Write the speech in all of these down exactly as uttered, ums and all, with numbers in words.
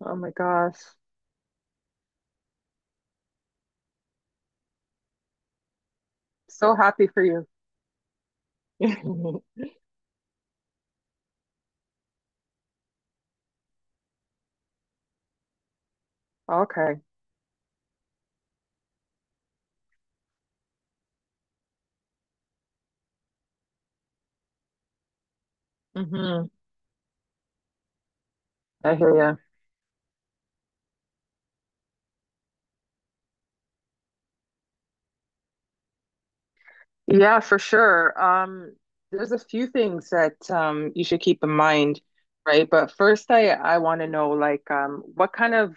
Oh my gosh. So happy for you. Okay. hmm I hear you. Yeah, for sure. Um, there's a few things that um you should keep in mind, right? But first I I want to know like um what kind of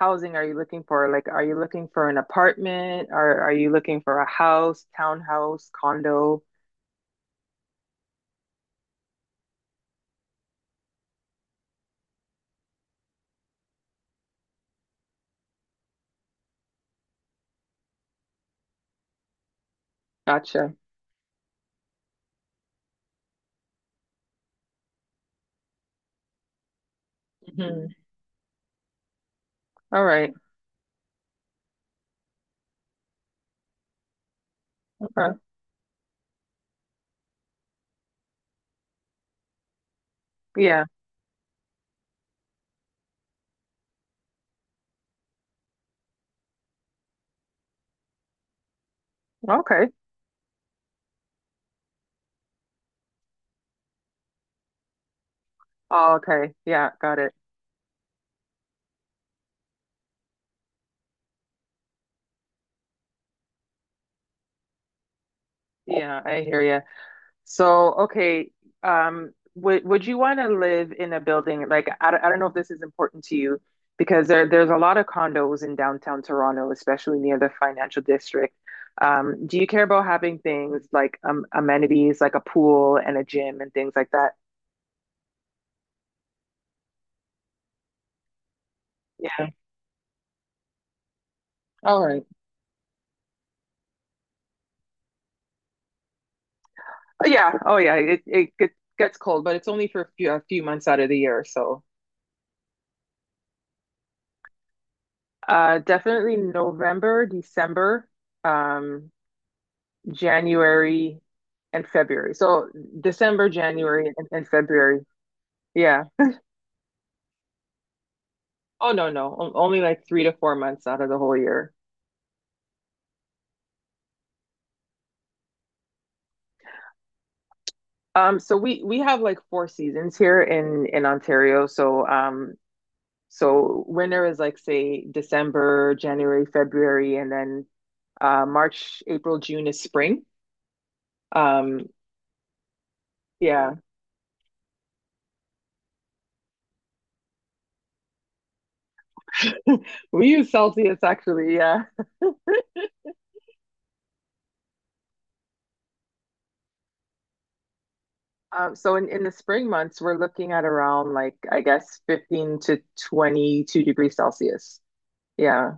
housing are you looking for? Like are you looking for an apartment or are you looking for a house, townhouse, condo? Gotcha. Mhm. All right. Okay. Yeah. Okay. Oh, okay. Yeah, got it. Yeah, I hear you. So, okay, um, would would you want to live in a building like I don't, I don't know if this is important to you because there there's a lot of condos in downtown Toronto, especially near the financial district. Um, do you care about having things like um, amenities like a pool and a gym and things like that? Yeah. All right. Oh, yeah. Oh, yeah. It it get- gets cold, but it's only for a few, a few months out of the year. So, uh, definitely November, December. Um, January and February. So December, January, and, and February. Yeah. Oh no, no. O- Only like three to four months out of the whole year. Um, so we we have like four seasons here in in Ontario. So um, so winter is like say December, January, February, and then uh March, April, June is spring. Um, yeah. We use Celsius actually, yeah. Um, so in, in the spring months, we're looking at around like I guess fifteen to twenty-two degrees Celsius. Yeah.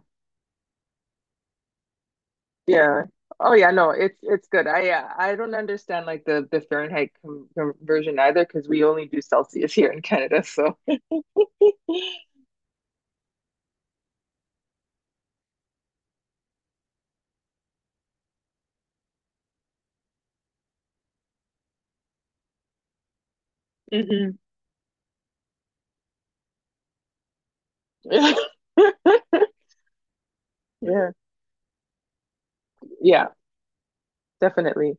Yeah. Oh yeah, no, it's it's good. I Yeah, I don't understand like the the Fahrenheit com conversion either because we only do Celsius here in Canada. So mhm. Yeah. Yeah, definitely.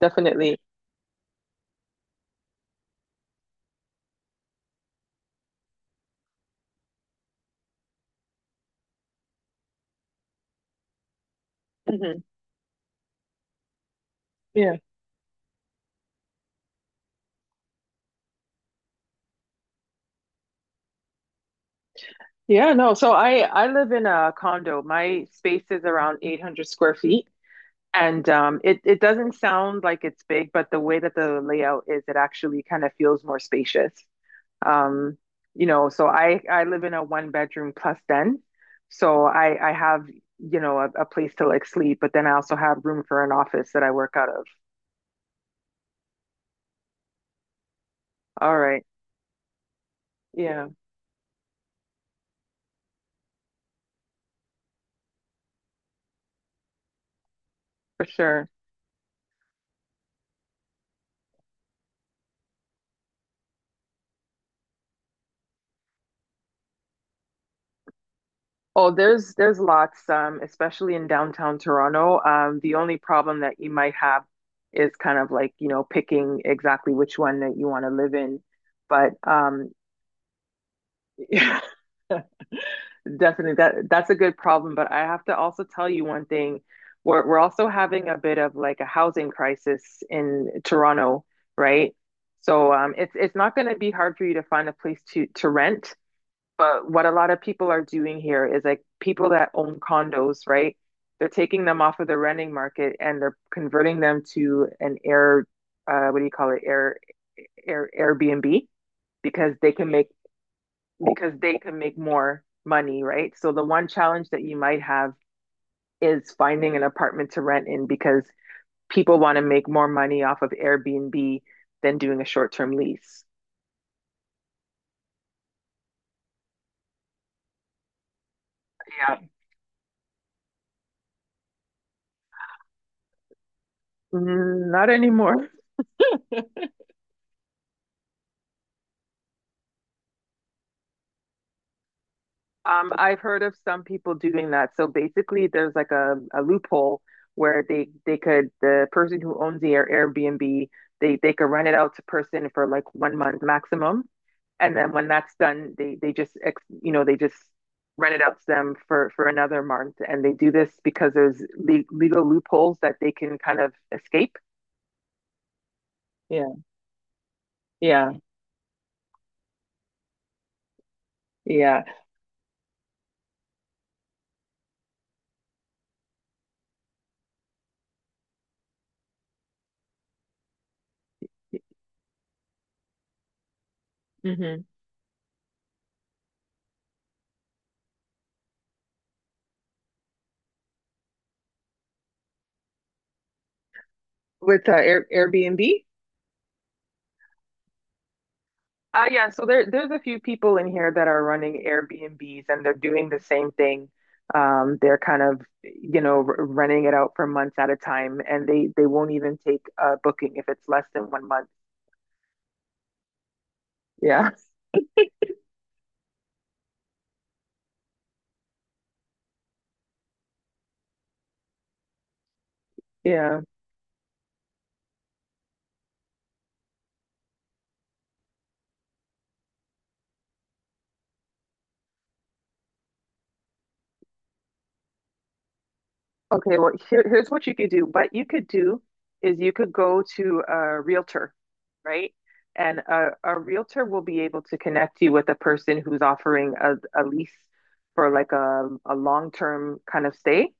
Definitely. Mhm. Yeah. Yeah, no. So I I live in a condo. My space is around eight hundred square feet. And um, it it doesn't sound like it's big, but the way that the layout is, it actually kind of feels more spacious. Um, you know, so I I live in a one bedroom plus den, so I I have you know a, a place to like sleep, but then I also have room for an office that I work out of. All right, yeah, for sure. Oh, there's there's lots, um, especially in downtown Toronto. Um, the only problem that you might have is kind of like, you know, picking exactly which one that you want to live in. But um, yeah, definitely. That that's a good problem, but I have to also tell you one thing. We're we're also having a bit of like a housing crisis in Toronto, right? So um, it's it's not going to be hard for you to find a place to to rent. But what a lot of people are doing here is like people that own condos, right? They're taking them off of the renting market and they're converting them to an air, uh, what do you call it? Air, air Airbnb because they can make because they can make more money, right? So the one challenge that you might have is finding an apartment to rent in because people want to make more money off of Airbnb than doing a short-term lease. Yeah. Mm, not anymore. Um, I've heard of some people doing that. So basically, there's like a, a loophole where they they could the person who owns the Air- Airbnb, they they could rent it out to person for like one month maximum, and then when that's done, they they just you know they just rent it out to them for for another month, and they do this because there's le- legal loopholes that they can kind of escape. Yeah, yeah, yeah. Mm-hmm. With uh, Air Airbnb, Uh, yeah, so there there's a few people in here that are running Airbnbs and they're doing the same thing. Um, they're kind of, you know, r renting it out for months at a time, and they they won't even take a booking if it's less than one month. Yeah, yeah. Okay, well, here, here's what you could do. What you could do is you could go to a realtor, right? And a, a realtor will be able to connect you with a person who's offering a, a lease for like a, a long-term kind of stay.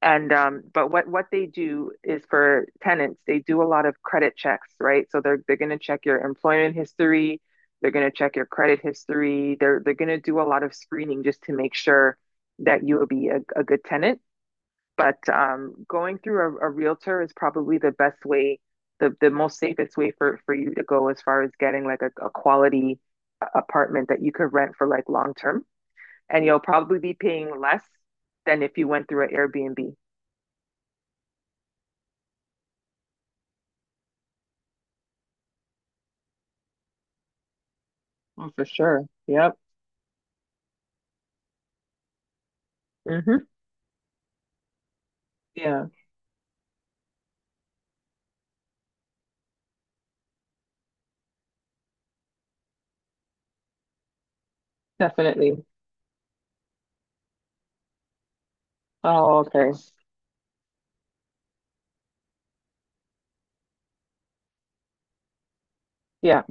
And um, but what what they do is for tenants, they do a lot of credit checks, right? So they're they're going to check your employment history, they're going to check your credit history, they're they're going to do a lot of screening just to make sure that you will be a, a good tenant. But um, going through a, a realtor is probably the best way, the, the most safest way for, for you to go as far as getting like a, a quality uh, apartment that you could rent for like long term. And you'll probably be paying less than if you went through an Airbnb. Oh, for sure. Yep. Hmm. Yeah, definitely. Oh, okay. Yeah.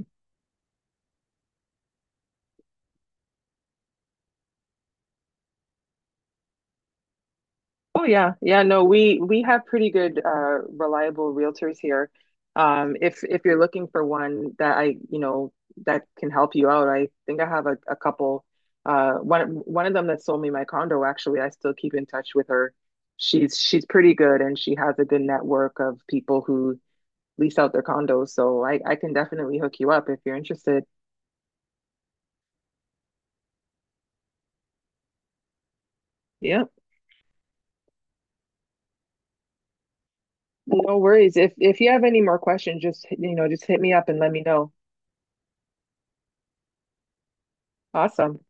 Oh yeah, yeah. No, we we have pretty good, uh, reliable realtors here. Um, if if you're looking for one that I, you know, that can help you out, I think I have a, a couple. Uh, one one of them that sold me my condo, actually, I still keep in touch with her. She's she's pretty good, and she has a good network of people who lease out their condos. So I I can definitely hook you up if you're interested. Yeah, no worries. If if you have any more questions, just you know, just hit me up and let me know. Awesome.